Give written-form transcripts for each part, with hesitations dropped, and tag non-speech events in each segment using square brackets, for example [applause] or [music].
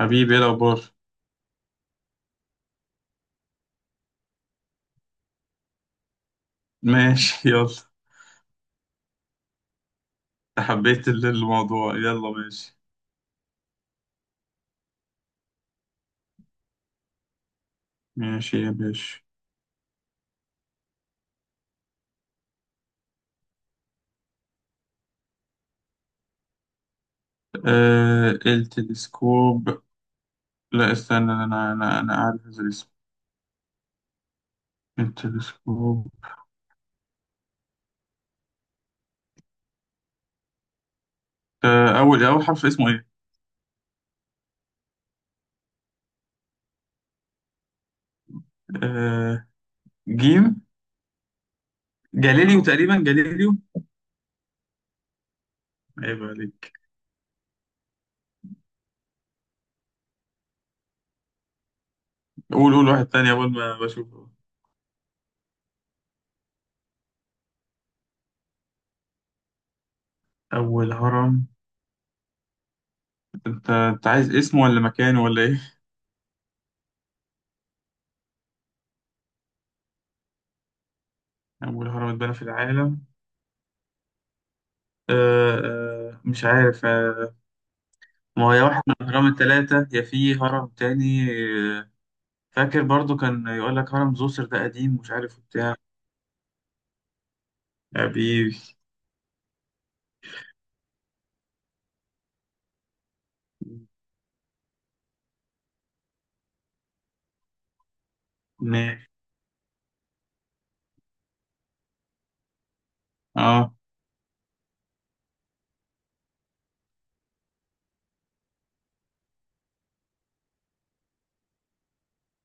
حبيبي ايه الأخبار؟ ماشي [laughs] يلا حبيت الموضوع يلا ماشي. ماشي يا باشا. آه التلسكوب، لا استنى أنا أعرف الاسم التلسكوب. أول حرف اسمه إيه؟ آه جيم، جاليليو تقريبا، جاليليو. عيب عليك. قول واحد تاني أول ما بشوفه. أول هرم، أنت عايز اسمه ولا مكانه ولا إيه؟ أول هرم اتبنى في العالم. آه مش عارف، ما هو يا واحد من الأهرام التلاتة، يا في هرم تاني. آه، فاكر برضو كان يقول لك هرم زوسر، ده قديم، مش عارف بتاع. حبيبي، ماشي. اه،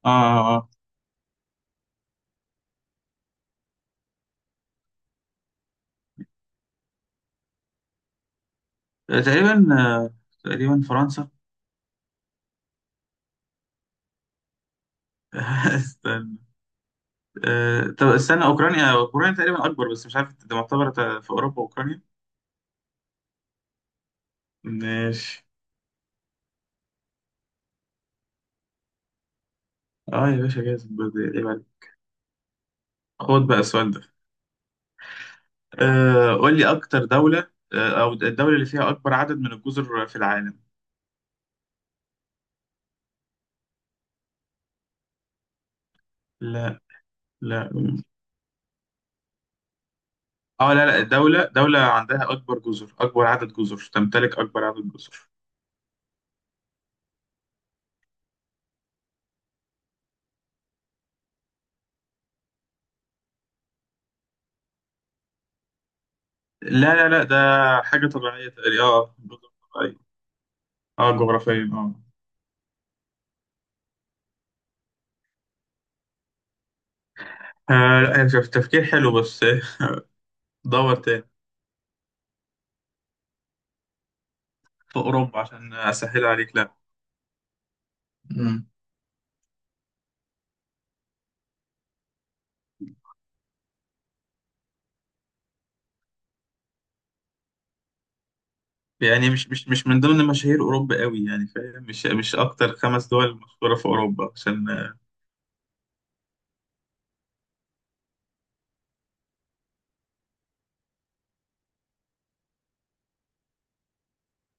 اه، اه. تقريبا، تقريبا فرنسا. [laughs] استنى، طب استنى، أوكرانيا تقريبا أكبر، بس مش عارف ده معتبر في أوروبا، أوكرانيا. ماشي. اه يا باشا، جاهز برضه، عيب عليك. خد بقى السؤال ده. قول لي أكتر دولة، أو الدولة اللي فيها أكبر عدد من الجزر في العالم. لا. لا. اه لا لا، دولة عندها أكبر جزر، أكبر عدد جزر، تمتلك أكبر عدد جزر. لا لا لا، ده حاجة طبيعية تقريبا، اه جزر طبيعية. اه جغرافيا اه. لا هي شوف، تفكير حلو بس. [laughs] دور تاني. في أوروبا عشان أسهل عليك. لا. مم. يعني مش من ضمن مشاهير أوروبا قوي يعني، فاهم؟ مش أكتر خمس دول مشهورة في أوروبا عشان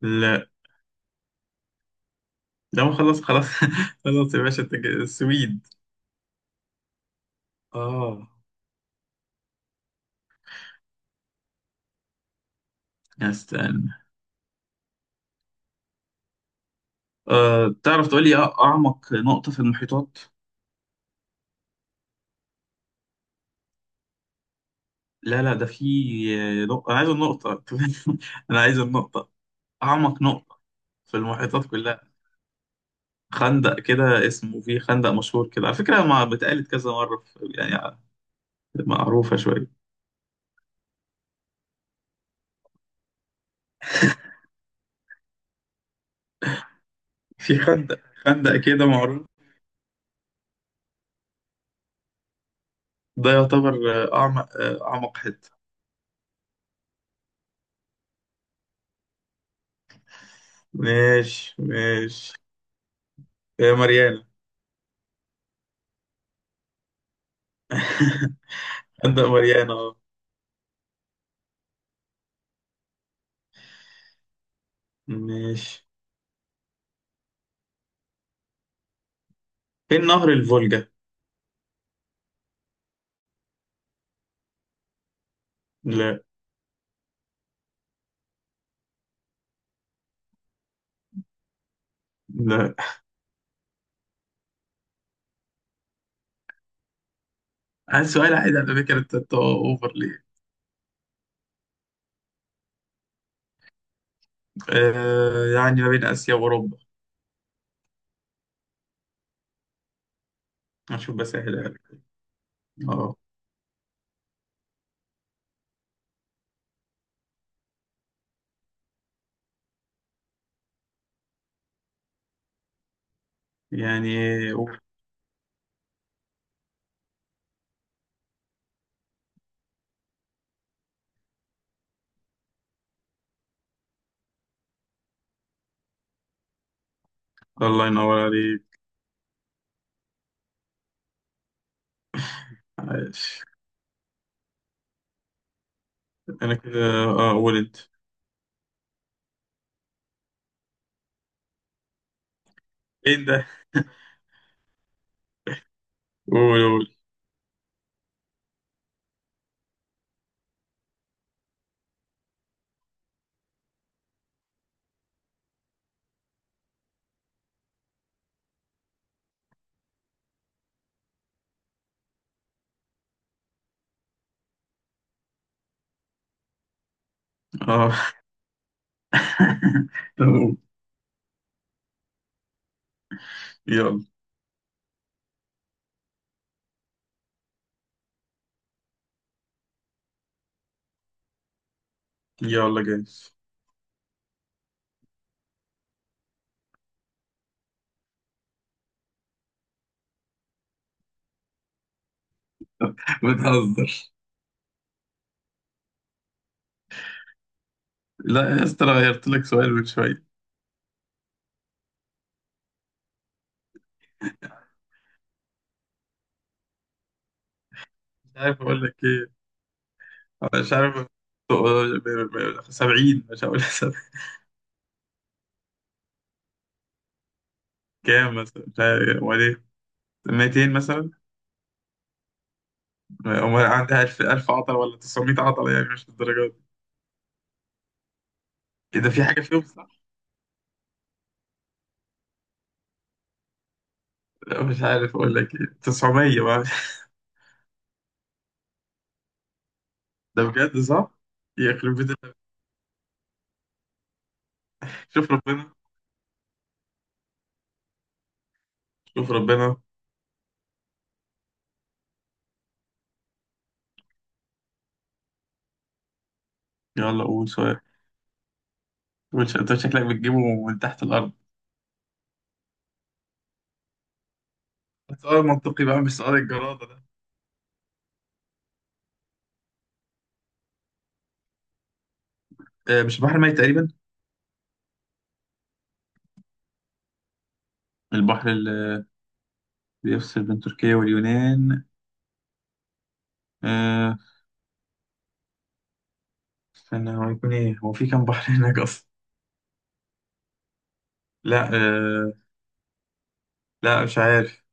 لا ده خلاص. [laughs] خلاص يا باشا أنت كده- السويد. اه. استنى، أه تعرف تقول لي أعمق نقطة في المحيطات؟ لا لا ده في نقطة، أنا عايز النقطة. [laughs] أنا عايز النقطة، أعمق نقطة في المحيطات كلها. خندق كده اسمه، في خندق مشهور كده على فكرة، ما بتقالت كذا مرة يعني معروفة شوية. في خندق كده معروف. ده يعتبر أعمق، أعمق حتة. ماشي ماشي. يا مريانة. [laughs] خندق مريانة أه. ماشي. فين نهر الفولجا؟ لا. لا. عايز سؤال عادي على فكرة، أنت اوفر ليه؟ آه يعني ما بين اسيا واوروبا. هنشوف بس اهلها لك. اه يعني. أوه. الله ينور عليك. عايش. انا كده. اه قول انت. ايه ده. قول قول. اه. [laughs] طب قول. يلا. يلا جايز. بتهزر؟ لا يا اسطى، انا غيرت لك سؤال من شوية. مش عارف اقول لك ايه، مش عارف. سبعين، مش هقول سبعين. كام مثلا، مش عارف، وبعدين 200 مثلا، وما عندها ألف عضلة، ولا 900 عضلة، يعني مش للدرجة دي. إيه ده، في حاجة فيهم صح؟ لا، مش عارف أقول لك إيه، 900 بقى. [laughs] ده بجد صح؟ يخرب بيت الأب. شوف ربنا، شوف ربنا. يلا قول سؤال، قول. أنت شكلك بتجيبه من تحت الأرض. سؤال منطقي بقى، مش سؤال الجرادة ده. مش البحر الميت تقريبا؟ البحر اللي بيفصل بين تركيا واليونان، آه، استنى، هو هيكون إيه؟ هو في كام بحر هناك أصلا؟ لا آه، لا مش عارف،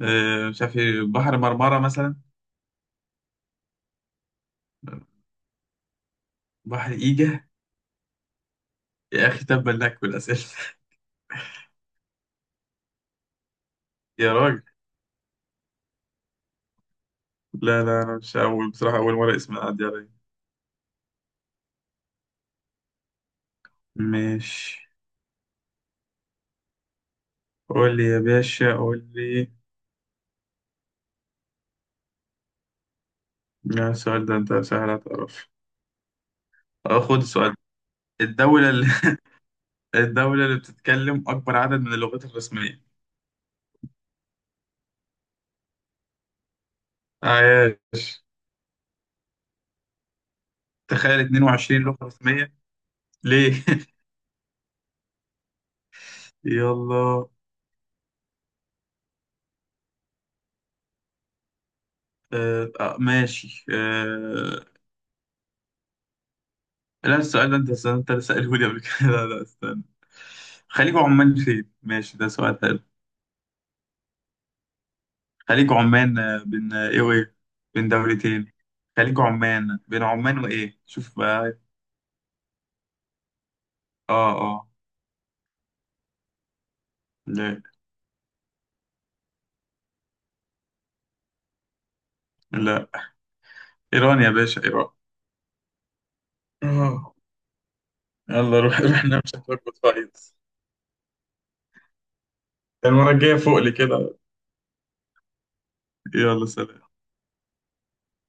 مش عارف إيه، بحر مرمرة مثلا. بحر إيجا. يا أخي تبا لك بالأسئلة. [laughs] يا راجل، لا لا، أنا مش أول بصراحة، أول مرة اسم يعدي عليا. ماشي، قول لي يا باشا، قول لي. لا السؤال ده أنت سهل هتعرف. خد السؤال ده. الدولة اللي [laughs] الدولة اللي بتتكلم أكبر عدد من اللغات الرسمية. عايش. تخيل 22 لغة رسمية. ليه؟ [laughs] يلا. ماشي آه. لا السؤال ده أنت اللي سأله لي قبل كده. [laughs] لا لا استنى، خليج عمان فين؟ ماشي ده سؤال حلو. خليج عمان بين ايه وايه، بين دولتين. خليج عمان بين عمان وايه، شوف بقى. اه اه. لا. لا. ايران يا باشا، ايران. اه. يلا روح، [laughs] روح نمسك لك بطاقة. المرة الجاية فوق لي كده. يلا سلام.